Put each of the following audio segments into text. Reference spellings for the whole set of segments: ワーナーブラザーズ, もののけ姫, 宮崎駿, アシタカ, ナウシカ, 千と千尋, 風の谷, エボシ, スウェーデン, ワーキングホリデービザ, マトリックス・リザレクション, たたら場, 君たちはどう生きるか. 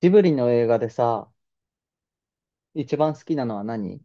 ジブリの映画でさ、一番好きなのは何？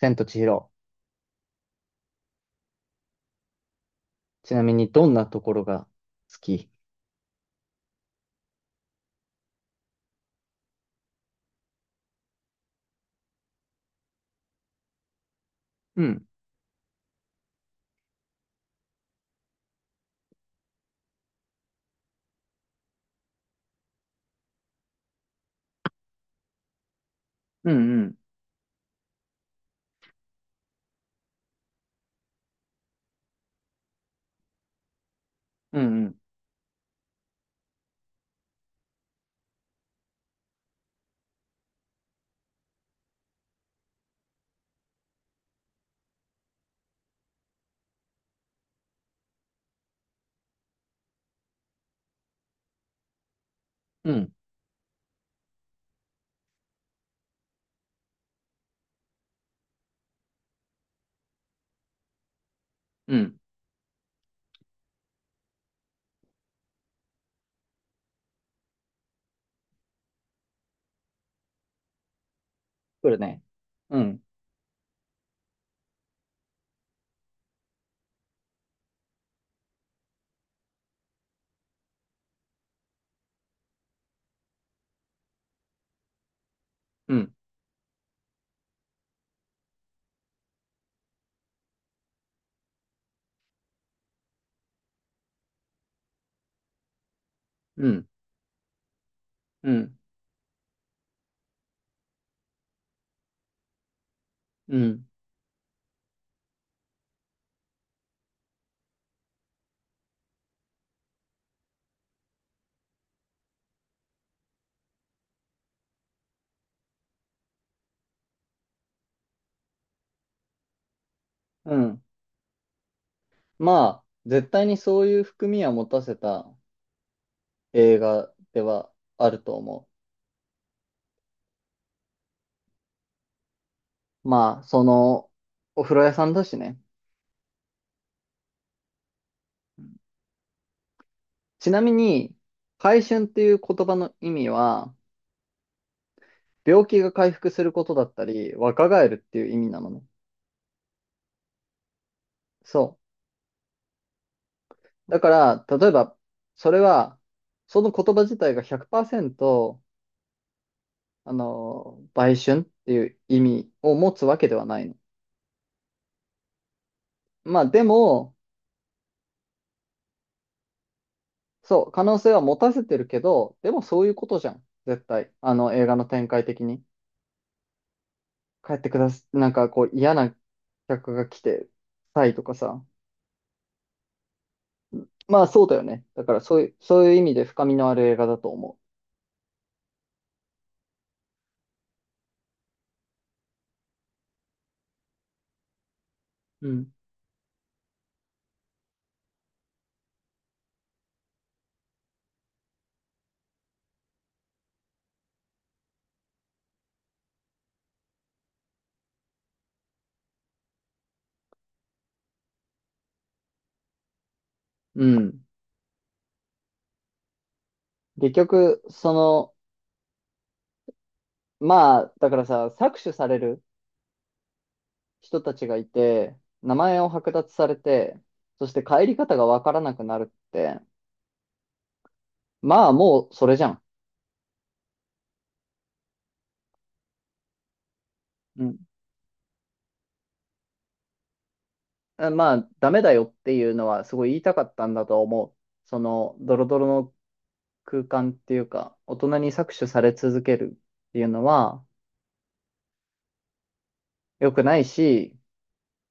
千と千尋。ちなみにどんなところが好き？うん、うん、うん、うん、うん、うん、うん。来るね。うん、うん、うん、うん、うん、うん。まあ、絶対にそういう含みは持たせた映画ではあると思う。まあ、その、お風呂屋さんだしね。ちなみに、回春っていう言葉の意味は、病気が回復することだったり、若返るっていう意味なのね。そう。だから、例えば、それは、その言葉自体が100%、あの、売春っていう意味を持つわけではないの。まあ、でも、そう、可能性は持たせてるけど、でもそういうことじゃん。絶対。あの、映画の展開的に。帰ってくださ、なんかこう、嫌な客が来て、たいとかさ。まあ、そうだよね。だから、そういう意味で深みのある映画だと思う。うん。うん。結局、その、まあ、だからさ、搾取される人たちがいて、名前を剥奪されて、そして帰り方がわからなくなるって、まあもうそれじゃん。うん。あまあダメだよっていうのはすごい言いたかったんだと思う。そのドロドロの空間っていうか、大人に搾取され続けるっていうのは良くないし、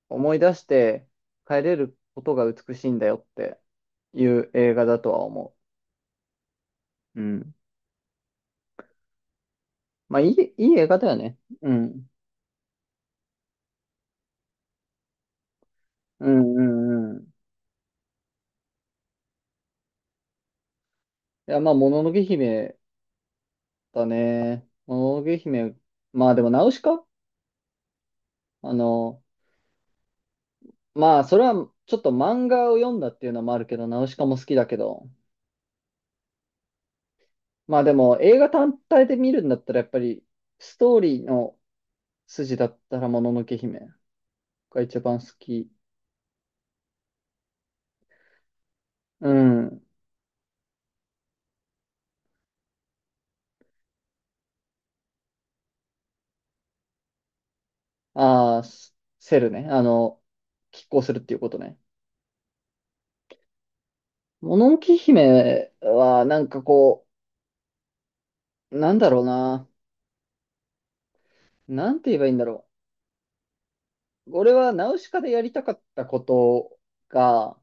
思い出して帰れることが美しいんだよっていう映画だとは思う。うん。まあいい、いい映画だよね。うん。うんうんうん。いや、まあ、もののけ姫たね。おげ姫。まあでも、ナウシカ、あの、まあ、それはちょっと漫画を読んだっていうのもあるけど、ナウシカも好きだけど、まあでも、映画単体で見るんだったら、やっぱり、ストーリーの筋だったら、もののけ姫が一番好き。うん。ああ、スセルね。あの、拮抗するっていうことね。もののけ姫は、なんかこう、なんだろうな。なんて言えばいいんだろう。俺はナウシカでやりたかったことが、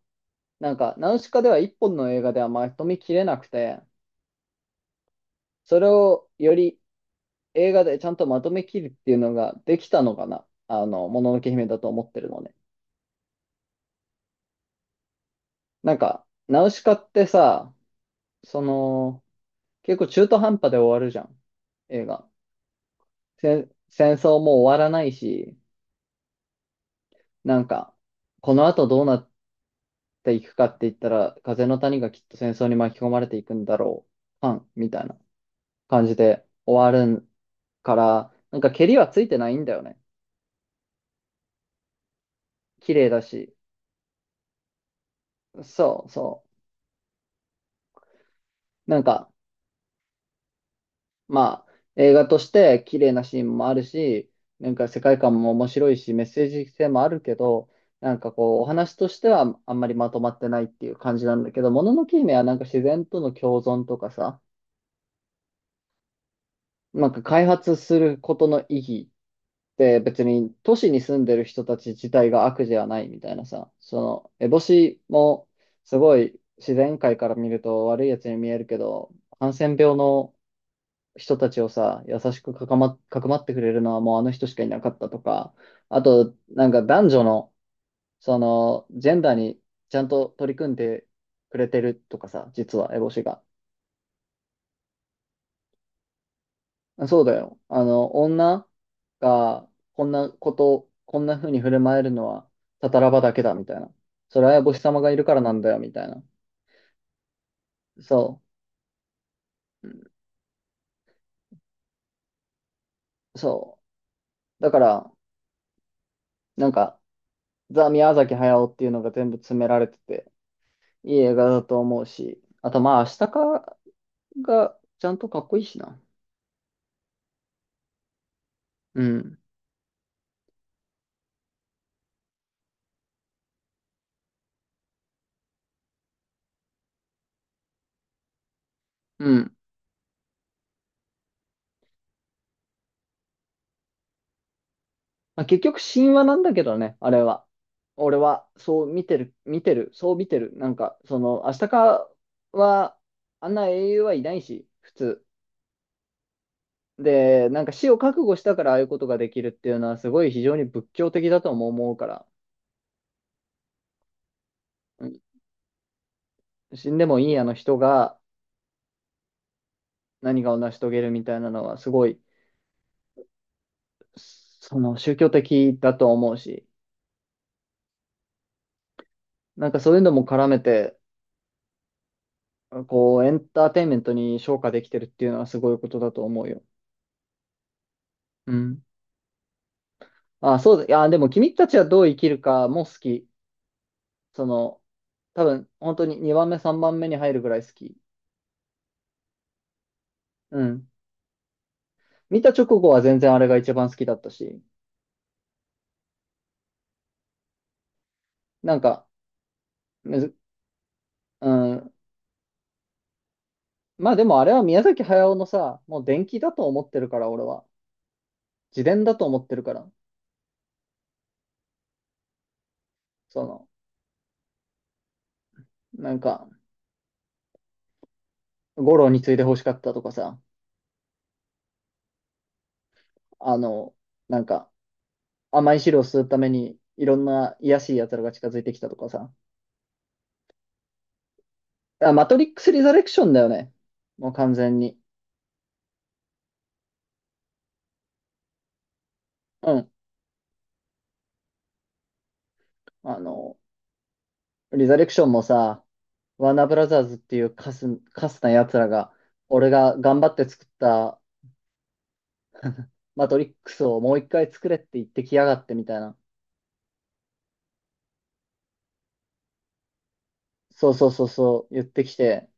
なんか、ナウシカでは一本の映画ではまとめきれなくて、それをより映画でちゃんとまとめきるっていうのができたのかな。あの、もののけ姫だと思ってるのね。なんか、ナウシカってさ、その、結構中途半端で終わるじゃん。映画。戦争も終わらないし、なんか、この後どうなっていくかって言ったら、風の谷がきっと戦争に巻き込まれていくんだろう。パン、みたいな感じで終わるから、なんか、ケリはついてないんだよね。綺麗だし、そうそう。なんか、まあ、映画として綺麗なシーンもあるし、なんか世界観も面白いし、メッセージ性もあるけど、なんかこう、お話としてはあんまりまとまってないっていう感じなんだけど、もののけ姫はなんか自然との共存とかさ、なんか開発することの意義って別に都市に住んでる人たち自体が悪じゃないみたいなさ、その、烏帽子もすごい自然界から見ると悪いやつに見えるけど、ハンセン病の人たちをさ、優しくかくまってくれるのはもうあの人しかいなかったとか、あと、なんか男女の、その、ジェンダーにちゃんと取り組んでくれてるとかさ、実は、エボシが。そうだよ。あの、女がこんなこと、こんな風に振る舞えるのは、たたらばだけだ、みたいな。それはエボシ様がいるからなんだよ、みたいな。そう。そう。だから、なんか、ザ・宮崎駿っていうのが全部詰められてて、いい映画だと思うし、あとまあ、明日かがちゃんとかっこいいしな。うん。うん。まあ、結局神話なんだけどね、あれは。俺は、そう見てる、見てる、そう見てる。なんか、その、明日かは、あんな英雄はいないし、普通。で、なんか死を覚悟したからああいうことができるっていうのは、すごい非常に仏教的だとも思うから、うん、死んでもいいあの人が何かを成し遂げるみたいなのは、すごい、その宗教的だと思うし、なんかそういうのも絡めて、こう、エンターテインメントに昇華できてるっていうのはすごいことだと思うよ。うん。あ、そうだ。いやでも君たちはどう生きるかも好き。その、多分、本当に2番目、3番目に入るぐらい好き。うん。見た直後は全然あれが一番好きだったし。なんか、むず、うん。まあでもあれは宮崎駿のさ、もう伝記だと思ってるから、俺は。自伝だと思ってるから。その、なんか、五郎について欲しかったとかさ、あの、なんか、甘い汁を吸うために、いろんな卑しい奴らが近づいてきたとかさ。あ、マトリックス・リザレクションだよね。もう完全に。うん。あの、リザレクションもさ、ワーナーブラザーズっていうカスな奴らが、俺が頑張って作ったマトリックスをもう一回作れって言ってきやがってみたいな。そうそうそうそう、言ってきて、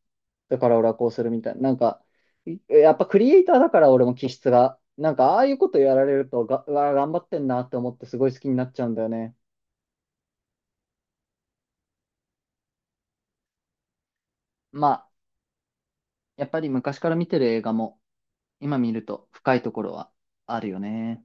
だから俺はこうするみたいな。なんか、いやっぱクリエイターだから俺も気質が、なんかああいうことやられるとが、うわ、頑張ってんなって思ってすごい好きになっちゃうんだよね。まあ、やっぱり昔から見てる映画も今見ると深いところはあるよね。